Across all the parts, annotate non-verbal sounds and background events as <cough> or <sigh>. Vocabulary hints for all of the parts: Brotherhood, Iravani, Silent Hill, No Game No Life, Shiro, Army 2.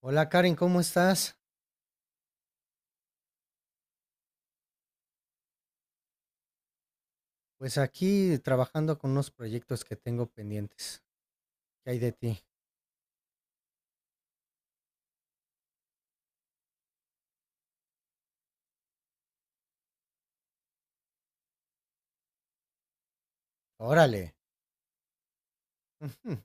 Hola Karen, ¿cómo estás? Pues aquí trabajando con unos proyectos que tengo pendientes. ¿Qué hay de ti? Órale. Ujú.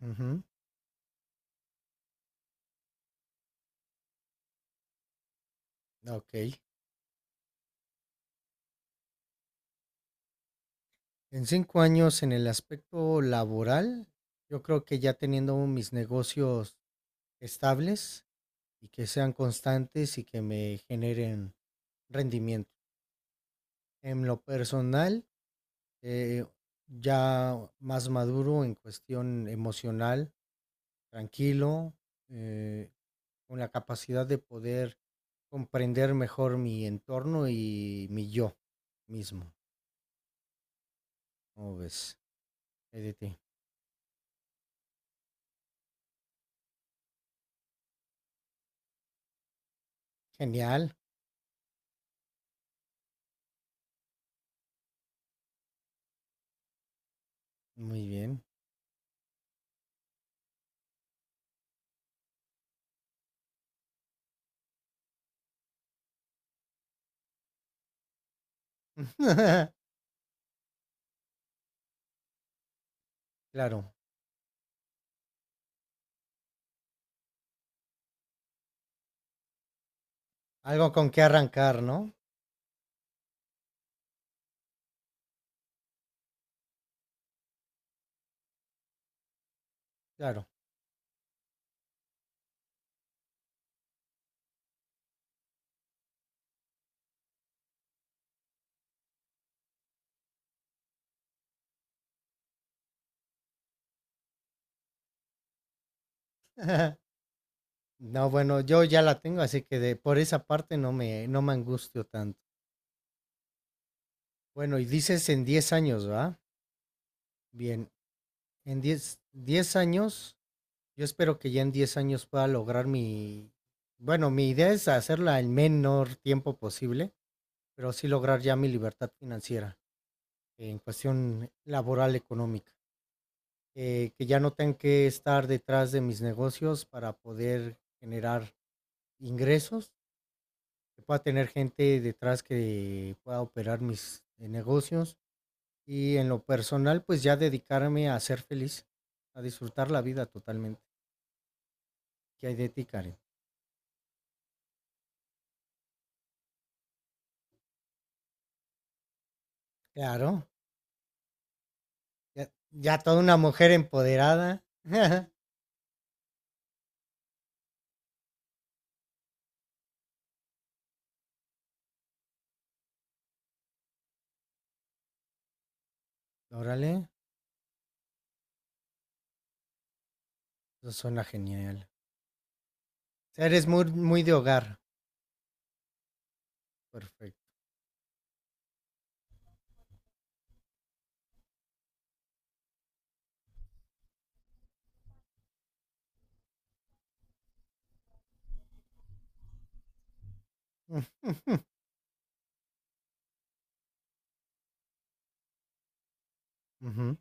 Ujú. Ok. En cinco años en el aspecto laboral, yo creo que ya teniendo mis negocios estables y que sean constantes y que me generen rendimiento. En lo personal, eh, ya más maduro en cuestión emocional, tranquilo, eh, con la capacidad de poder comprender mejor mi entorno y mi yo mismo. ¿Cómo ves? ¿Edith? Genial, muy bien. <laughs> Claro, algo con que arrancar, ¿no? Claro. <laughs> No, bueno, yo ya la tengo, así que por esa parte no me angustio tanto. Bueno, y dices en 10 años, ¿va? Bien, en diez años, yo espero que ya en 10 años pueda lograr bueno, mi idea es hacerla el menor tiempo posible, pero sí lograr ya mi libertad financiera, en cuestión laboral económica, que ya no tenga que estar detrás de mis negocios para poder generar ingresos, que pueda tener gente detrás que pueda operar mis negocios, y en lo personal pues ya dedicarme a ser feliz, a disfrutar la vida totalmente. ¿Qué hay de ti, Karen? Claro, ya, ya toda una mujer empoderada. <laughs> Órale, eso suena genial. O sea, eres muy, muy de hogar. Perfecto. Ujú. Ujú.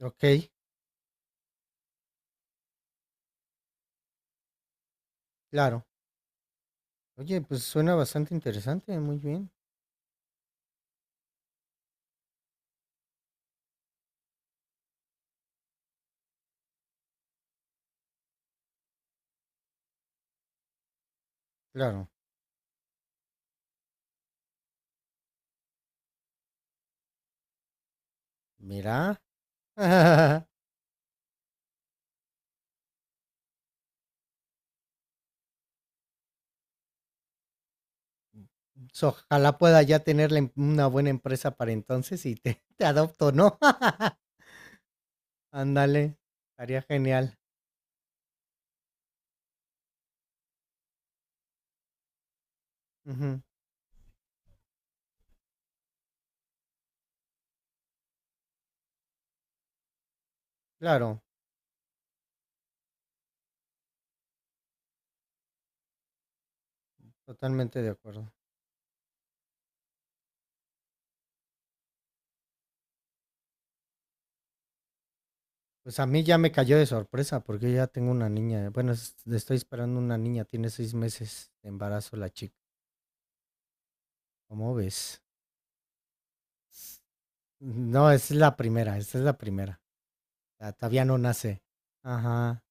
Ok, claro. Oye, pues suena bastante interesante, muy bien. Claro. Mira. <laughs> So, ojalá pueda ya tener la una buena empresa para entonces y <laughs> te adopto, ¿no? <laughs> Ándale, estaría genial. Ujú. Claro, totalmente de acuerdo. Pues a mí ya me cayó de sorpresa porque yo ya tengo una niña. Bueno, estoy esperando una niña, tiene seis meses de embarazo la chica. ¿Cómo ves? No, esa es la primera. Esta es la primera. Ah, todavía no nace. Ajá.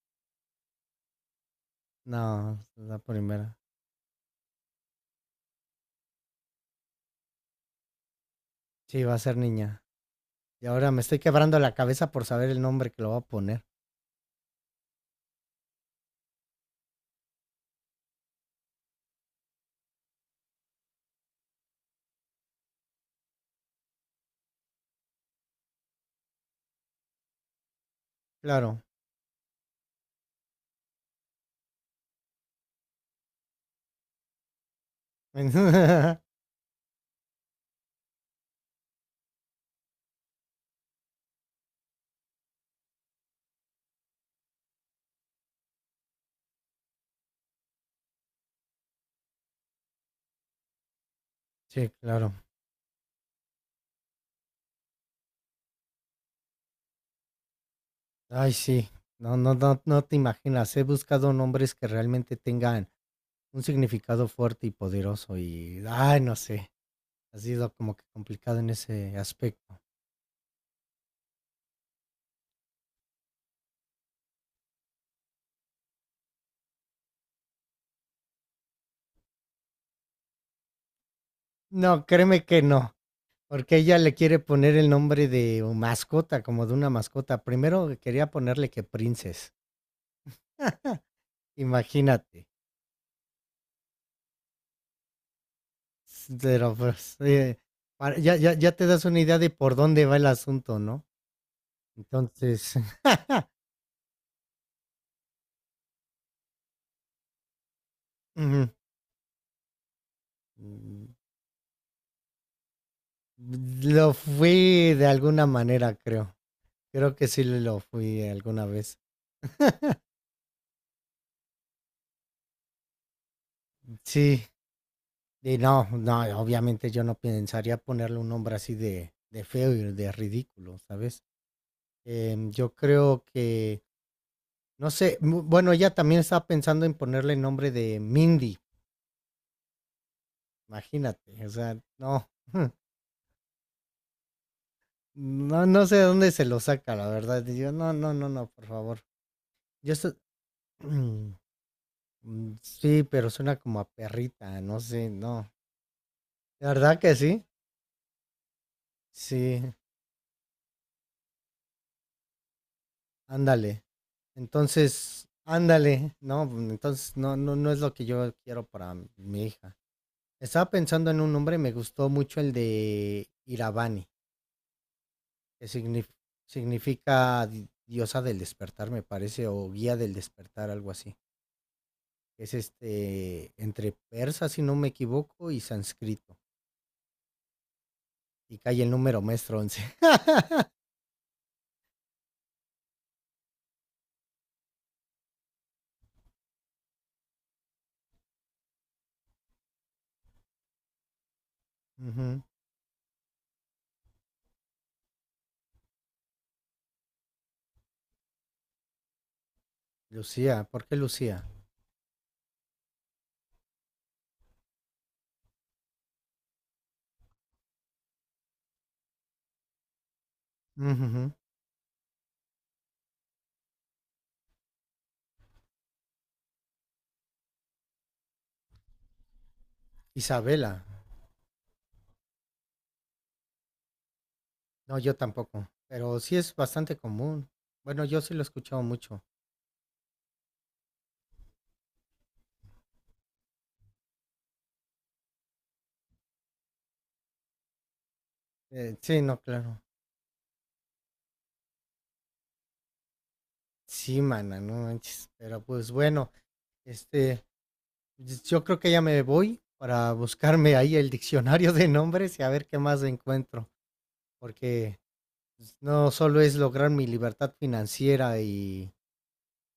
No, la primera. Sí, va a ser niña. Y ahora me estoy quebrando la cabeza por saber el nombre que lo va a poner. Claro. <laughs> sí, claro. Ay, sí. No, no, no, no te imaginas. He buscado nombres que realmente tengan un significado fuerte y poderoso. Y, ay, no sé. Ha sido como que complicado en ese aspecto. No, créeme que no. Porque ella le quiere poner el nombre de mascota, como de una mascota. Primero quería ponerle que Princess. <laughs> Imagínate. Pero pues, ya te das una idea de por dónde va el asunto, ¿no? Entonces, <laughs> ujú, mm, lo fui de alguna manera, creo. Creo que sí lo fui alguna vez. Sí, y no, no, obviamente yo no pensaría ponerle un nombre así de feo y de ridículo, ¿sabes? Yo creo que, no sé, bueno, ella también estaba pensando en ponerle el nombre de Mindy. Imagínate, o sea, no. <laughs> No, no sé de dónde se lo saca, la verdad. Y yo, no, no, no, no, por favor. Yo estoy... <clears throat> Sí, pero suena como a perrita, no sé, no. ¿De verdad que sí? Sí, ándale. Entonces, ándale, no, pues, entonces no, no, no es lo que yo quiero para mi hija. Estaba pensando en un nombre, me gustó mucho el de Iravani, que signif- significa diosa del despertar, me parece, o guía del despertar, algo así. Es este entre persa, si no me equivoco, y sánscrito. Y cae el número maestro 11. <laughs> Ujú. Lucía, ¿por qué Lucía? Ujujú. Isabela. No, yo tampoco. Pero sí es bastante común. Bueno, yo sí lo he escuchado mucho. Sí, no, claro. Sí, mana, no manches. Pero pues bueno, este, pues yo creo que ya me voy para buscarme ahí el diccionario de nombres y a ver qué más encuentro. Porque pues, no solo es lograr mi libertad financiera y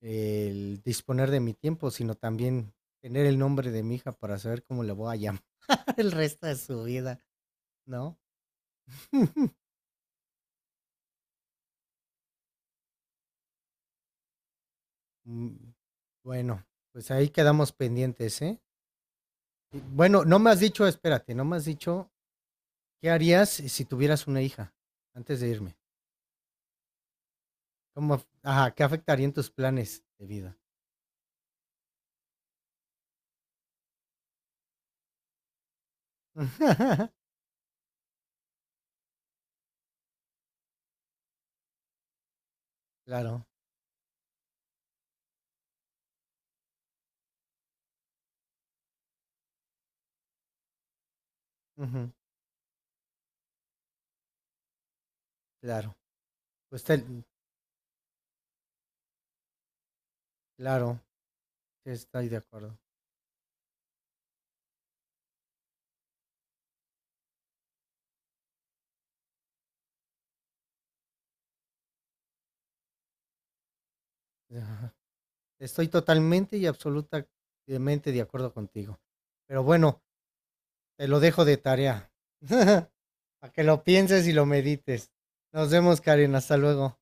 el disponer de mi tiempo, sino también tener el nombre de mi hija para saber cómo le voy a llamar <laughs> el resto de su vida, ¿no? Mm, bueno, pues ahí quedamos pendientes, ¿eh? Y bueno, no me has dicho, espérate, no me has dicho, ¿qué harías si tuvieras una hija antes de irme? ¿Cómo, ajá, qué afectarían tus planes de vida? <laughs> Claro, ujú, claro. Pues te- claro, sí, estoy de acuerdo. <laughs> Estoy totalmente y absolutamente de acuerdo contigo. Pero bueno, te lo dejo de tarea. <laughs> Para que lo pienses y lo medites. Nos vemos, Karen. Hasta luego.